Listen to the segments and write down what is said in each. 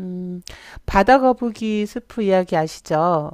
음, 바다 거북이 스프 이야기 아시죠?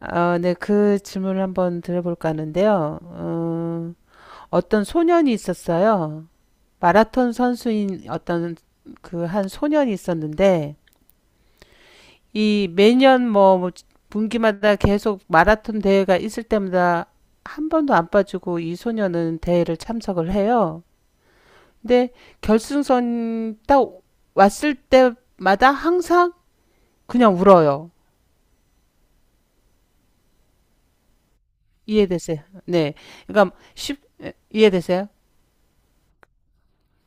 네, 그 질문을 한번 드려볼까 하는데요. 어떤 소년이 있었어요. 마라톤 선수인 어떤 그 한 소년이 있었는데, 이 매년 뭐 분기마다 계속 마라톤 대회가 있을 때마다 한 번도 안 빠지고 이 소년은 대회를 참석을 해요. 근데 결승선 딱 왔을 때마다 항상 그냥 울어요. 이해되세요? 네. 그러니까 쉽 이해되세요?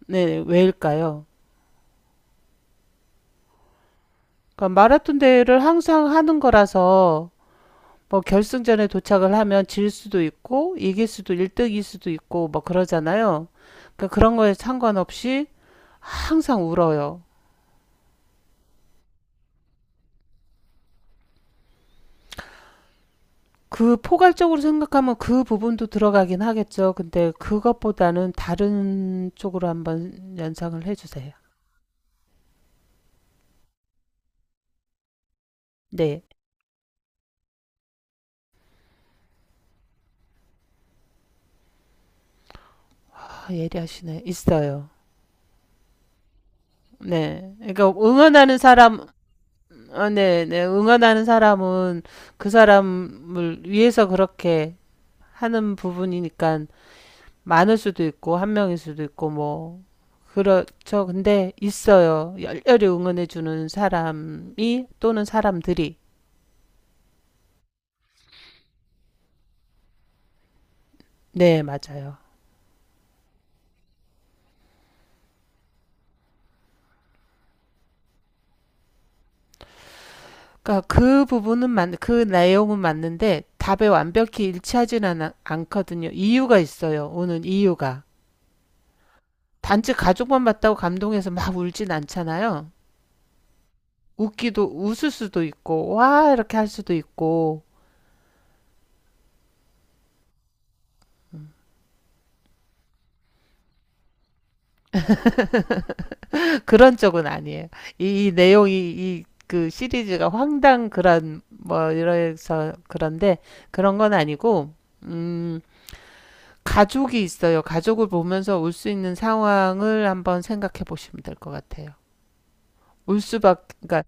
네, 왜일까요? 그러니까 마라톤 대회를 항상 하는 거라서 뭐 결승전에 도착을 하면 질 수도 있고 이길 수도 1등일 수도 있고 뭐 그러잖아요. 그러니까 그런 거에 상관없이 항상 울어요. 그 포괄적으로 생각하면 그 부분도 들어가긴 하겠죠. 근데 그것보다는 다른 쪽으로 한번 연상을 해주세요. 네. 아, 예리하시네. 있어요. 네. 그러니까 응원하는 사람. 아, 네, 네. 응원하는 사람은 그 사람을 위해서 그렇게 하는 부분이니까 많을 수도 있고, 한 명일 수도 있고, 뭐. 그렇죠. 근데 있어요. 열렬히 응원해주는 사람이 또는 사람들이. 네, 맞아요. 그러니까 그 부분은 맞, 그 내용은 맞는데 답에 완벽히 일치하진 않, 않거든요. 이유가 있어요. 오는 이유가. 단지 가족만 봤다고 감동해서 막 울진 않잖아요. 웃기도 웃을 수도 있고 와 이렇게 할 수도 있고 그런 쪽은 아니에요. 이 내용이 이 그 시리즈가 황당 그런 뭐 이래서 그런데 그런 건 아니고 음 가족이 있어요. 가족을 보면서 울 수 있는 상황을 한번 생각해 보시면 될 것 같아요. 울 수밖에 그러니까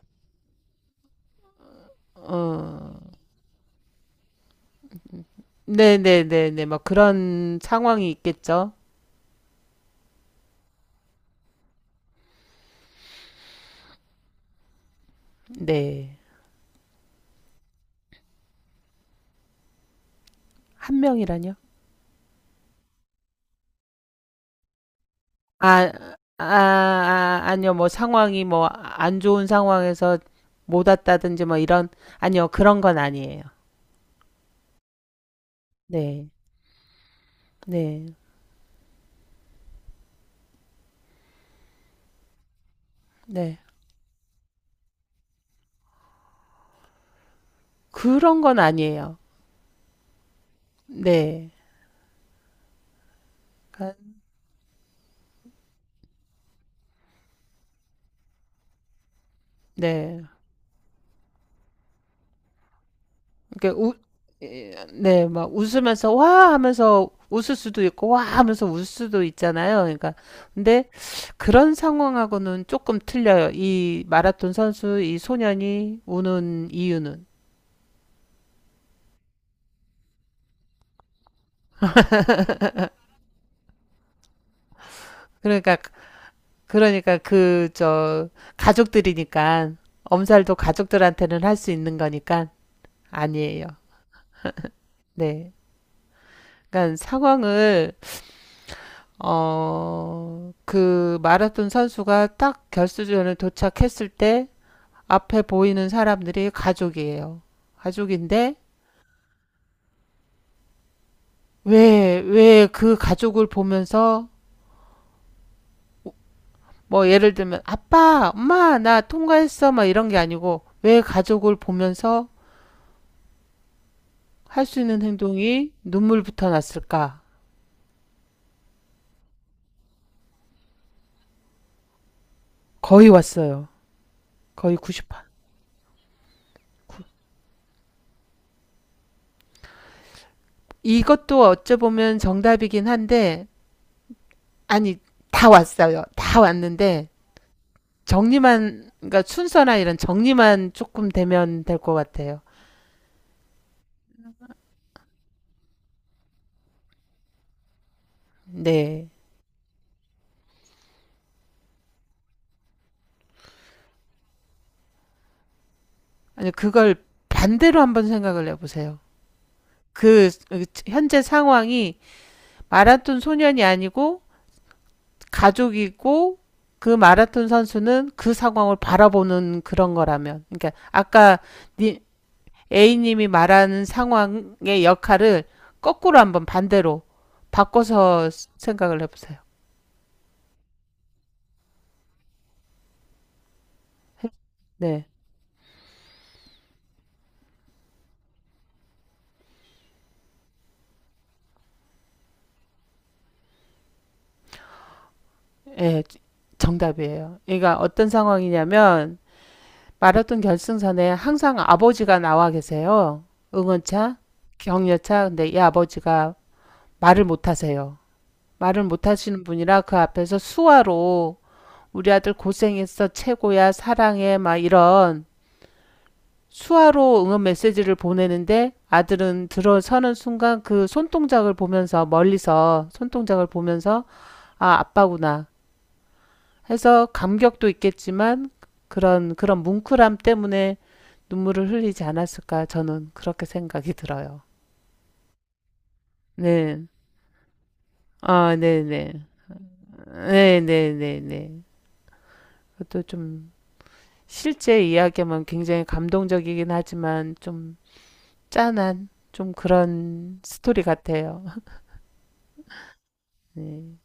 어 네네네네 뭐 그런 상황이 있겠죠. 네. 한 명이라뇨? 아 아니요. 뭐 상황이 뭐 안 좋은 상황에 못 왔다든지 뭐 이런 아니요. 그런 건 아니에요. 네. 네. 네. 그런 건 아니에요. 네. 그러니까 네. 이렇게 웃예 네. 막 웃으면서 "와." 하면서 웃을 수도 있고 "와." 하면서 울 수도 있잖아요. 그러니까 근데 그런 상황하고는 조금 틀려요. 이 마라톤 선수 이 소년이 우는 이유는. 그러니까 그러니까 그 저 가족들이니까 엄살도 가족들한테는 할 수 있는 거니까 아니에요. 네. 그러니까 상황을 어 그 마라톤 선수가 딱 결승전에 도착했을 때 앞에 보이는 사람들이 가족이에요. 가족인데 왜 그 가족을 보면서 뭐 예를 들면 아빠, 엄마 나 통과했어 막 이런 게 아니고 왜 가족을 보면서 할 수 있는 행동이 눈물부터 났을까? 거의 왔어요. 거의 90판. 이것도 어찌 보면 정답이긴 한데 아니 다 왔어요. 다 왔는데 정리만 그러니까 순서나 이런 정리만 조금 되면 될 것 같아요. 네. 아니 그걸 반대로 한번 생각을 해보세요. 그 현재 상황이 마라톤 소년이 아니고 가족이고 그 마라톤 선수는 그 상황을 바라보는 그런 거라면, 그러니까 아까 니, A님이 말하는 상황의 역할을 거꾸로 한번 반대로 바꿔서 생각을 해보세요. 네, 네, 정답이에요. 그러니까 어떤 상황이냐면 마라톤 결승선에 항상 아버지가 나와 계세요. 응원차, 격려차. 근데 이 아버지가 말을 못 하세요. 말을 못 하시는 분이라 그 앞에서 수화로 우리 아들 고생했어, 최고야, 사랑해, 막 이런 수화로 응원 메시지를 보내는데 아들은 들어서는 순간 그 손동작을 보면서 멀리서 손동작을 보면서 아 아빠구나 해서 감격도 있겠지만 그런 뭉클함 때문에 눈물을 흘리지 않았을까 저는 그렇게 생각이 들어요. 네. 아, 네네. 네네네네. 그것도 좀 실제 이야기면 굉장히 감동적이긴 하지만 좀 짠한 좀 그런 스토리 같아요. 네.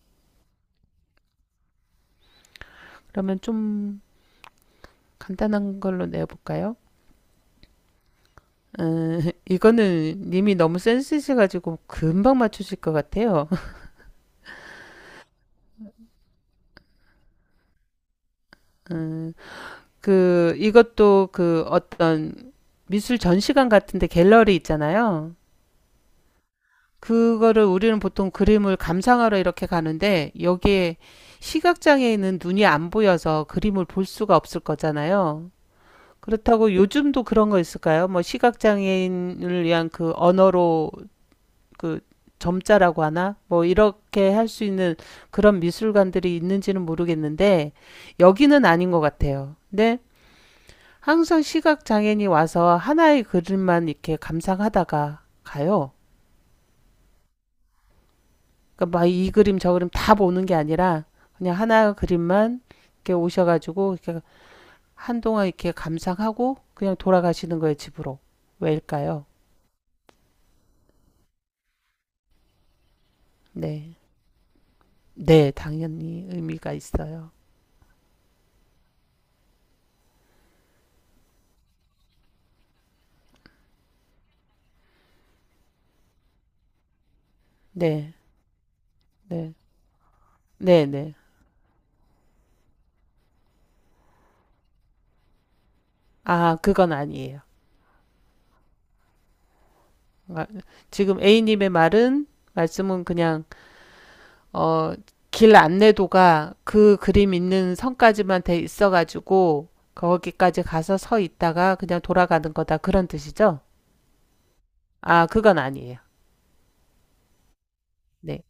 그러면 좀 간단한 걸로 내볼까요? 음, 이거는 님이 너무 센스 있어가지고 금방 맞추실 것 같아요. 음, 그, 이것도 그 어떤 미술 전시관 같은데 갤러리 있잖아요. 그거를 우리는 보통 그림을 감상하러 이렇게 가는데 여기에 시각장애인은 눈이 안 보여서 그림을 볼 수가 없을 거잖아요. 그렇다고 요즘도 그런 거 있을까요? 뭐 시각장애인을 위한 그 언어로 그 점자라고 하나? 뭐 이렇게 할 수 있는 그런 미술관들이 있는지는 모르겠는데 여기는 아닌 것 같아요. 근데 항상 시각 장애인이 와서 하나의 그림만 이렇게 감상하다가 가요. 그러니까 막 이 그림 저 그림 다 보는 게 아니라 그냥 하나 그림만 이렇게 오셔가지고 이렇게 한동안 이렇게 감상하고 그냥 돌아가시는 거예요 집으로. 왜일까요? 네, 네 당연히 의미가 있어요. 네, 네, 네, 네. 아, 그건 아니에요. 아, 지금 A님의 말은, 말씀은 그냥, 어, 길 안내도가 그 그림 있는 선까지만 돼 있어가지고, 거기까지 가서 서 있다가 그냥 돌아가는 거다. 그런 뜻이죠? 아, 그건 아니에요. 네.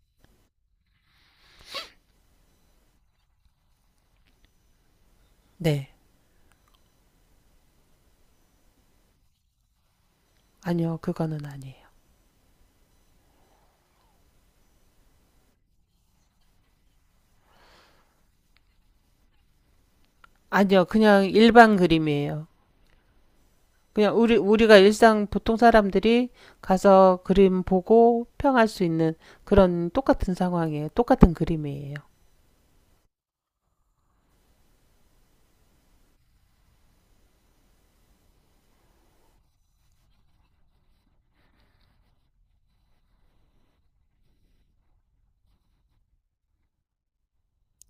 네. 아니요, 그거는 아니에요. 아니요, 그냥 일반 그림이에요. 그냥 우리가 일상 보통 사람들이 가서 그림 보고 평할 수 있는 그런 똑같은 상황이에요. 똑같은 그림이에요.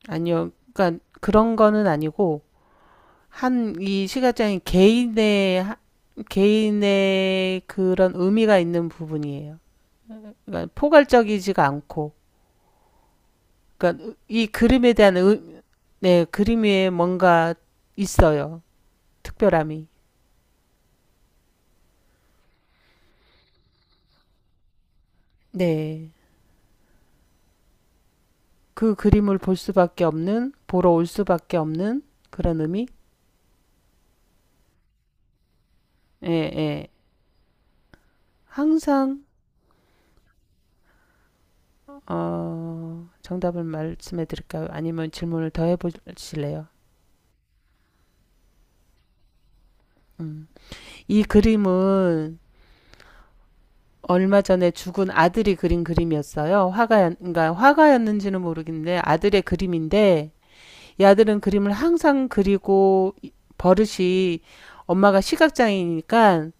아니요. 그러니까 그런 거는 아니고 한 이 시각장애 개인의 그런 의미가 있는 부분이에요. 그러니까 포괄적이지가 않고 그러니까 이 그림에 대한 의, 네, 그림 위에 뭔가 있어요. 특별함이. 네. 그 그림을 볼 수밖에 없는 보러 올 수밖에 없는 그런 의미? 예, 예. 항상 정답을 말씀해 드릴까요? 아니면 질문을 더 해보실래요? 음. 이 그림은 얼마 전에 죽은 아들이 그린 그림이었어요. 화가였, 그러니까 화가였는지는 모르겠는데 아들의 그림인데 이 아들은 그림을 항상 그리고 버릇이 엄마가 시각장애니까 이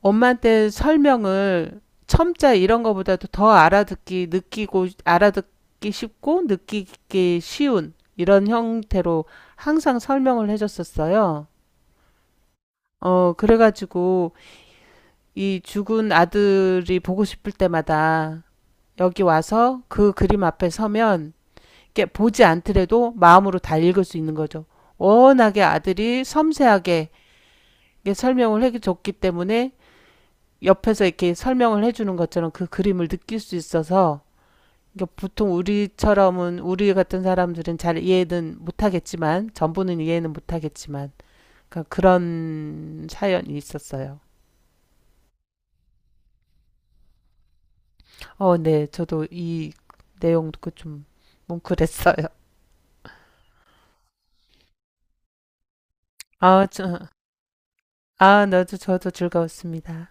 엄마한테 설명을 첨자 이런 거보다도 더 알아듣기, 느끼고, 알아듣기 쉽고 느끼기 쉬운 이런 형태로 항상 설명을 해줬었어요. 그래가지고 이 죽은 아들이 보고 싶을 때마다 여기 와서 그 그림 앞에 서면 이렇게 보지 않더라도 마음으로 다 읽을 수 있는 거죠. 워낙에 아들이 섬세하게 이게 설명을 해줬기 때문에 옆에서 이렇게 설명을 해주는 것처럼 그 그림을 느낄 수 있어서 그러니까 보통 우리처럼은 우리 같은 사람들은 잘 이해는 못하겠지만 전부는 이해는 못하겠지만 그러니까 그런 사연이 있었어요. 어, 네. 저도 이 내용 듣고 좀 뭉클했어요. 아, 저, 아, 나도 저도 즐거웠습니다.